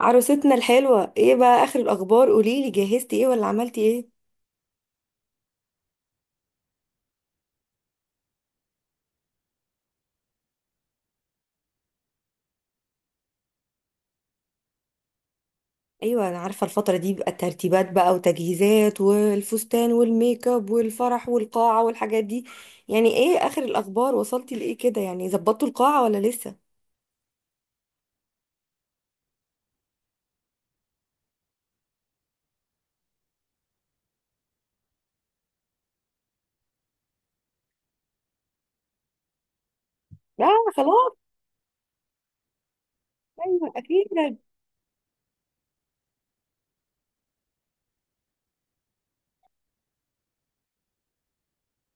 عروستنا الحلوة، ايه بقى اخر الاخبار؟ قوليلي جهزتي ايه ولا عملتي ايه؟ ايوه، انا عارفة الفترة دي بقى، الترتيبات بقى وتجهيزات والفستان والميك اب والفرح والقاعة والحاجات دي. يعني ايه اخر الاخبار؟ وصلتي لايه كده؟ يعني ظبطتوا القاعة ولا لسه؟ لا. خلاص. ايوه، اكيد.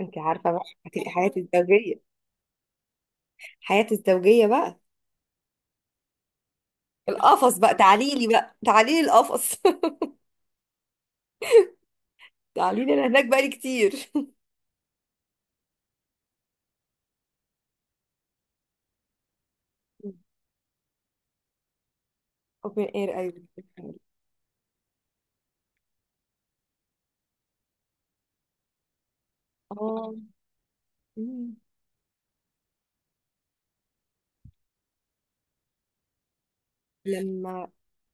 انت عارفه بقى هتبقى حياتي الزوجيه. حياتي الزوجية بقى. القفص بقى، تعاليلي بقى، تعاليلي القفص. تعاليلي، انا هناك بقالي كتير. اوبن اير، ايوه. اه. لما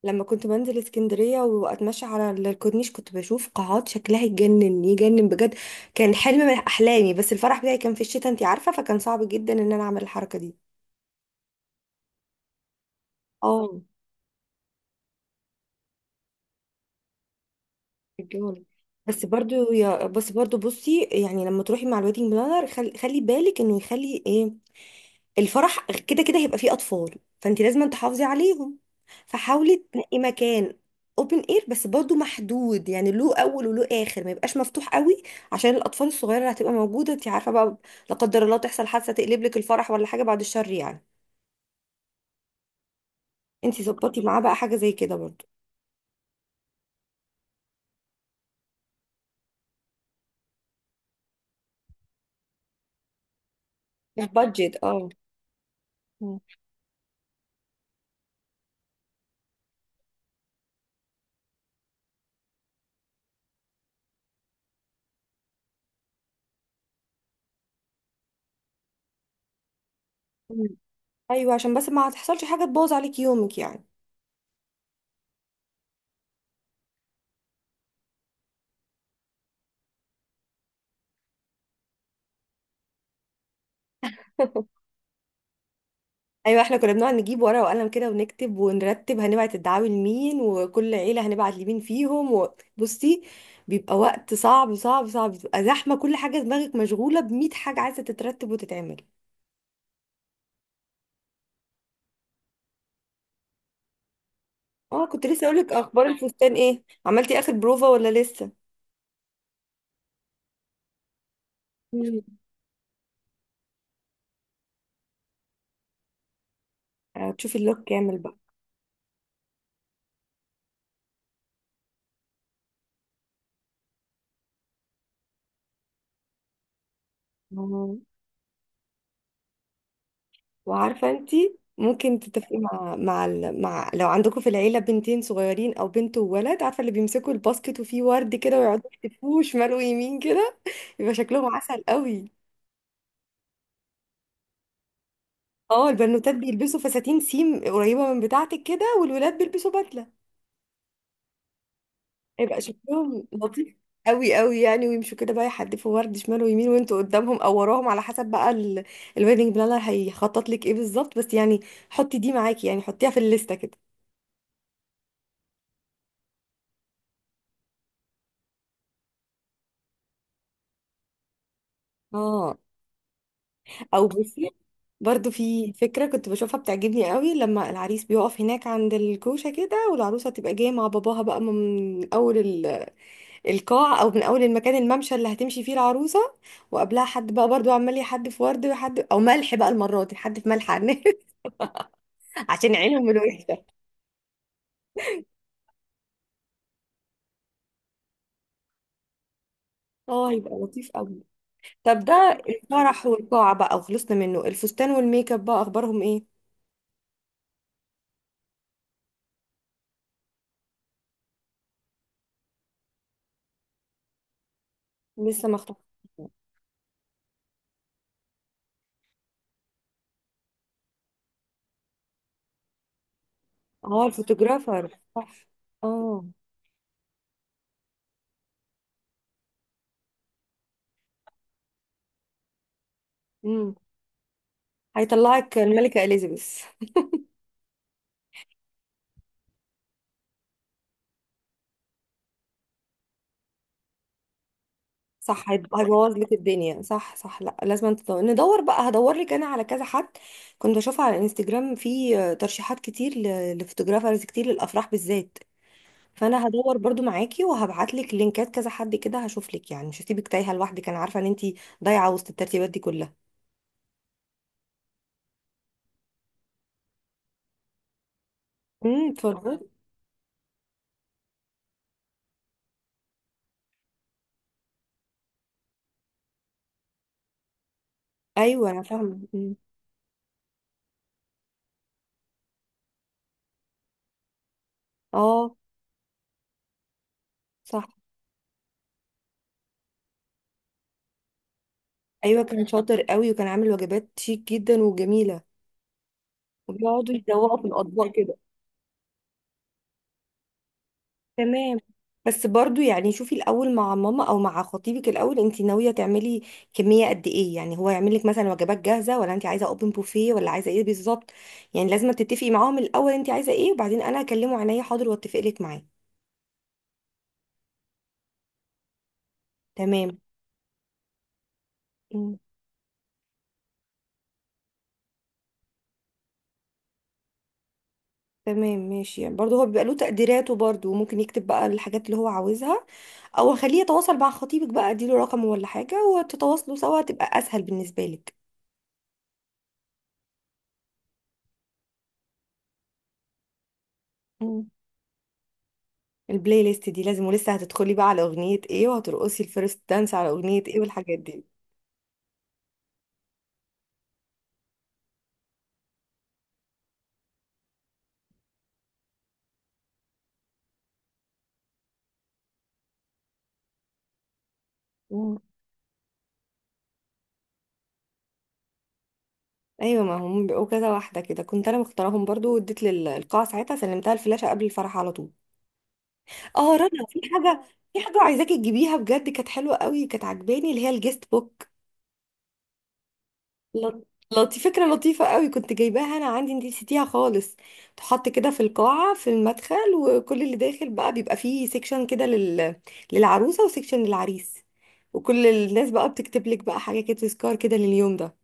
لما كنت بنزل اسكندرية واتمشى على الكورنيش، كنت بشوف قاعات شكلها يجنن يجنن بجد. كان حلم من احلامي، بس الفرح بتاعي كان في الشتاء، انتي عارفة، فكان صعب جدا ان انا اعمل الحركة دي. اه، رجاله. بس برضو، بصي يعني لما تروحي مع الويدنج بلانر، خلي بالك انه يخلي ايه. الفرح كده كده هيبقى فيه اطفال، فانت لازم تحافظي عليهم، فحاولي تنقي مكان اوبن اير، بس برضو محدود، يعني له اول وله اخر، ما يبقاش مفتوح قوي، عشان الاطفال الصغيره اللي هتبقى موجوده، انت عارفه بقى، لا قدر الله تحصل حادثه تقلب لك الفرح ولا حاجه، بعد الشر يعني. انت ظبطي معاه بقى حاجه زي كده برضو. البادجت، اه. مم. مم. ايوه، عشان بس ما تحصلش حاجه تبوظ عليك يومك يعني. ايوه، احنا كنا بنقعد نجيب ورقه وقلم كده ونكتب ونرتب هنبعت الدعاوي لمين، وكل عيله هنبعت لمين فيهم، وبصي، بيبقى وقت صعب صعب صعب، بتبقى زحمه كل حاجه، دماغك مشغوله ب100 حاجه عايزه تترتب وتتعمل. اه، كنت لسه اقولك، اخبار الفستان ايه؟ عملتي اخر بروفا ولا لسه؟ مم. هتشوفي اللوك كامل بقى. آه. وعارفة انتي ممكن تتفقي مع لو عندكم في العيلة بنتين صغيرين او بنت وولد، عارفة اللي بيمسكوا الباسكت وفيه ورد كده ويقعدوا يحتفوه شمال ويمين كده؟ يبقى شكلهم عسل قوي. اه، البنوتات بيلبسوا فساتين سيم قريبة من بتاعتك كده، والولاد بيلبسوا بدلة. يبقى شكلهم لطيف قوي قوي، يعني ويمشوا كده بقى يحدفوا ورد شمال ويمين وانتوا قدامهم او وراهم، على حسب بقى الويدنج بلانر هيخطط لك ايه بالظبط، بس يعني حطي دي معاكي، يعني حطيها في الليستة كده. اه، او بصي، برضو في فكرة كنت بشوفها بتعجبني قوي، لما العريس بيقف هناك عند الكوشة كده والعروسة تبقى جاية مع باباها بقى من القاع، أو من أول المكان، الممشى اللي هتمشي فيه العروسة، وقبلها حد بقى برضو عمال يحدف ورد ويحدف، أو ملح بقى المرة دي، حد في ملح عشان عينهم الوحشة. اه، هيبقى لطيف قوي. طب ده الفرح والقاع بقى وخلصنا منه، الفستان والميك اب بقى أخبارهم إيه؟ لسه ما اخترت. اه، الفوتوغرافر، صح. اه. امم. هيطلعك الملكة إليزابيث. صح، هيبوظ لك الدنيا. صح، صح. لا، لازم أنت تدور، ندور بقى، هدور لك انا على كذا حد. كنت بشوف على الانستجرام في ترشيحات كتير لفوتوغرافرز كتير للافراح بالذات، فانا هدور برضو معاكي وهبعت لك لينكات كذا حد كده، هشوف لك يعني، مش هسيبك تايهه لوحدك، انا عارفه ان انت ضايعه وسط الترتيبات دي كلها. اتفضلي. ايوه انا فاهمه. اه، صح. ايوه، كان شاطر قوي، وكان عامل وجبات شيك جدا وجميله، وبيقعدوا يدوقوا في الاطباق كده. تمام. بس برضو يعني شوفي الاول مع ماما او مع خطيبك، الاول انت ناويه تعملي كميه قد ايه؟ يعني هو يعمل لك مثلا وجبات جاهزه، ولا انت عايزه اوبن بوفيه، ولا عايزه ايه بالظبط؟ يعني لازم تتفقي معاهم الاول انت عايزه ايه، وبعدين انا هكلمه عينيا حاضر واتفق لك معاه. تمام. مم. تمام، ماشي. يعني برضو هو بيبقى له تقديراته برضو، وممكن يكتب بقى الحاجات اللي هو عاوزها، او خليه يتواصل مع خطيبك بقى، اديله رقمه ولا حاجه وتتواصلوا سوا، تبقى اسهل بالنسبه لك. مم. البلاي ليست دي لازم، ولسه هتدخلي بقى على اغنية ايه، وهترقصي الفيرست دانس على اغنية ايه، والحاجات دي. مم. ايوه، ما هم بيبقوا كذا واحدة كده، كنت انا مختارهم برضو واديت للقاعة ساعتها، سلمتها الفلاشة قبل الفرح على طول. اه، رنا، في حاجة. في حاجة عايزاكي تجيبيها بجد، كانت حلوة قوي، كانت عجباني، اللي هي الجيست بوك. لط- لطي فكرة لطيفة قوي، كنت جايباها انا عندي، انتي نسيتيها خالص. تحط كده في القاعة في المدخل، وكل اللي داخل بقى بيبقى فيه سيكشن كده للعروسة، وسيكشن للعريس، وكل الناس بقى بتكتب لك بقى حاجة كده، تذكار كده لليوم ده.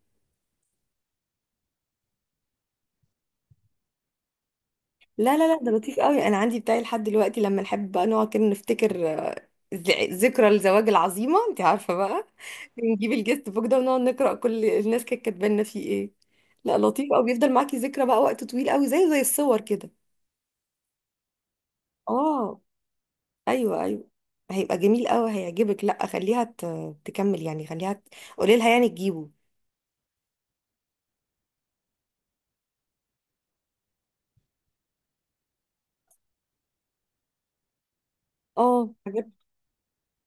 لا لا لا، ده لطيف قوي. انا عندي بتاعي لحد دلوقتي، لما نحب بقى نقعد كده نفتكر، ذكرى الزواج العظيمة، انت عارفة بقى. نجيب الجست بوك ده ونقعد نقرأ كل الناس كانت كاتبانا فيه ايه. لا، لطيف قوي، بيفضل معاكي ذكرى بقى وقت طويل قوي، زي الصور كده. اه، ايوه ايوه، هيبقى جميل قوي، هيعجبك، لا خليها تكمل، يعني خليها قولي لها يعني تجيبه. اه، حاجات،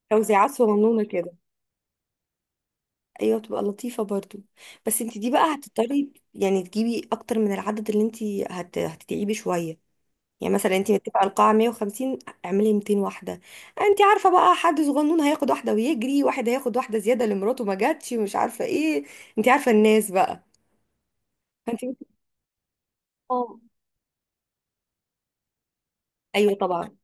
توزيعات صغنونه كده. ايوه، تبقى لطيفه برضو، بس انت دي بقى هتضطري يعني تجيبي اكتر من العدد اللي انت هتتعبي شويه. يعني مثلا انت متفقه القاعه 150، اعملي 200 واحده. انت عارفه بقى حد صغنون هياخد واحده ويجري، واحد هياخد واحده زياده لمراته ما جاتش، مش عارفه ايه، انت عارفه الناس بقى. فانت، ايوه طبعا.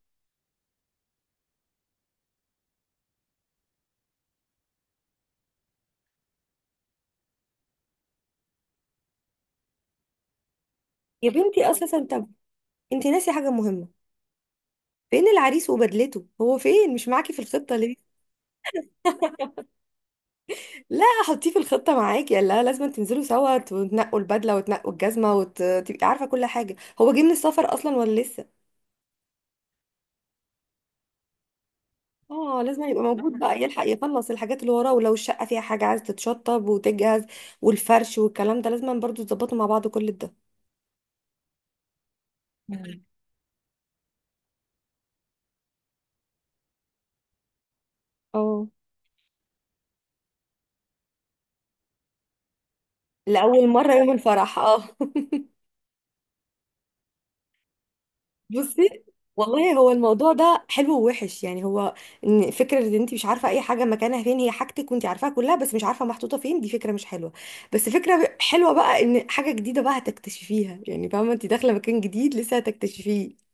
يا بنتي، اساسا انت ناسي حاجة مهمة. فين العريس وبدلته؟ هو فين مش معاكي في الخطة؟ ليه؟ لا حطيه في الخطة معاكي. لا، لازم تنزلوا سوا وتنقوا البدلة وتنقوا الجزمة وتبقي عارفة كل حاجة، هو جه من السفر اصلا ولا لسه؟ اه، لازم يبقى موجود بقى، يلحق يخلص الحاجات اللي وراه، ولو الشقة فيها حاجة عايز تتشطب وتجهز، والفرش والكلام ده لازم برضو تظبطوا مع بعض كل ده. مم. اه، لأول مرة يوم الفرح، اه. بصي، والله هو الموضوع ده حلو ووحش يعني، هو ان فكره ان انت مش عارفه اي حاجه مكانها فين، هي حاجتك وانت عارفاها كلها بس مش عارفه محطوطه فين، دي فكره مش حلوه. بس فكره حلوه بقى ان حاجه جديده بقى هتكتشفيها، يعني فاهمه انت داخله مكان جديد لسه هتكتشفيه.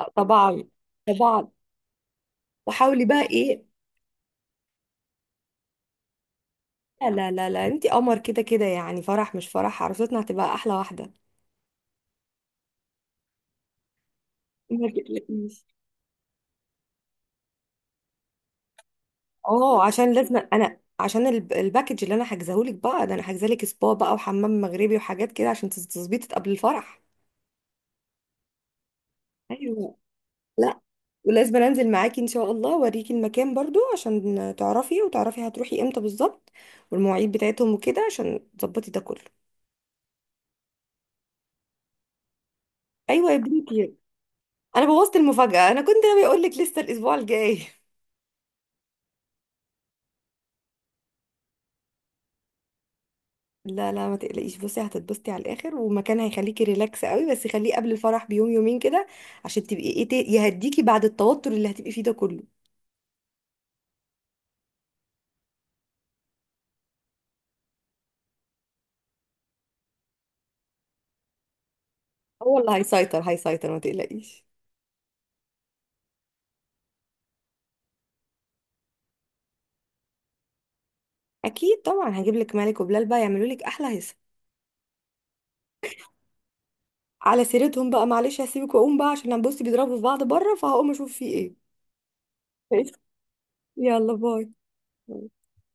آه، طبعا. طبعا، وحاولي بقى ايه. لا لا لا, لا. انت قمر كده كده، يعني فرح مش فرح، عروستنا هتبقى احلى واحده. ما تقلقيش. اه، عشان لازم انا، عشان الباكج اللي انا حاجزاهولك بقى ده، انا حاجزالك سبا بقى وحمام مغربي وحاجات كده عشان تظبيطك قبل الفرح. ايوه. لا، ولازم انزل معاكي ان شاء الله اوريكي المكان برضو، عشان تعرفي، وتعرفي هتروحي امتى بالظبط، والمواعيد بتاعتهم وكده، عشان تظبطي ده كله. ايوه يا بنتي، انا بوظت المفاجأة، انا كنت ناوي اقول لك لسه الاسبوع الجاي. لا لا، ما تقلقيش، بصي هتتبسطي على الاخر، ومكان هيخليكي ريلاكس قوي، بس خليه قبل الفرح بيوم يومين كده، عشان تبقي ايه يهديكي بعد التوتر اللي هتبقي فيه ده كله. هو اللي هيسيطر، هيسيطر، ما تقلقيش. اكيد طبعا، هجيب لك مالك وبلال بقى يعملوا لك احلى هيصه. على سيرتهم بقى، معلش هسيبك واقوم بقى، عشان انا بصي بيضربوا في بعض بره، فهقوم اشوف في ايه. يلا باي.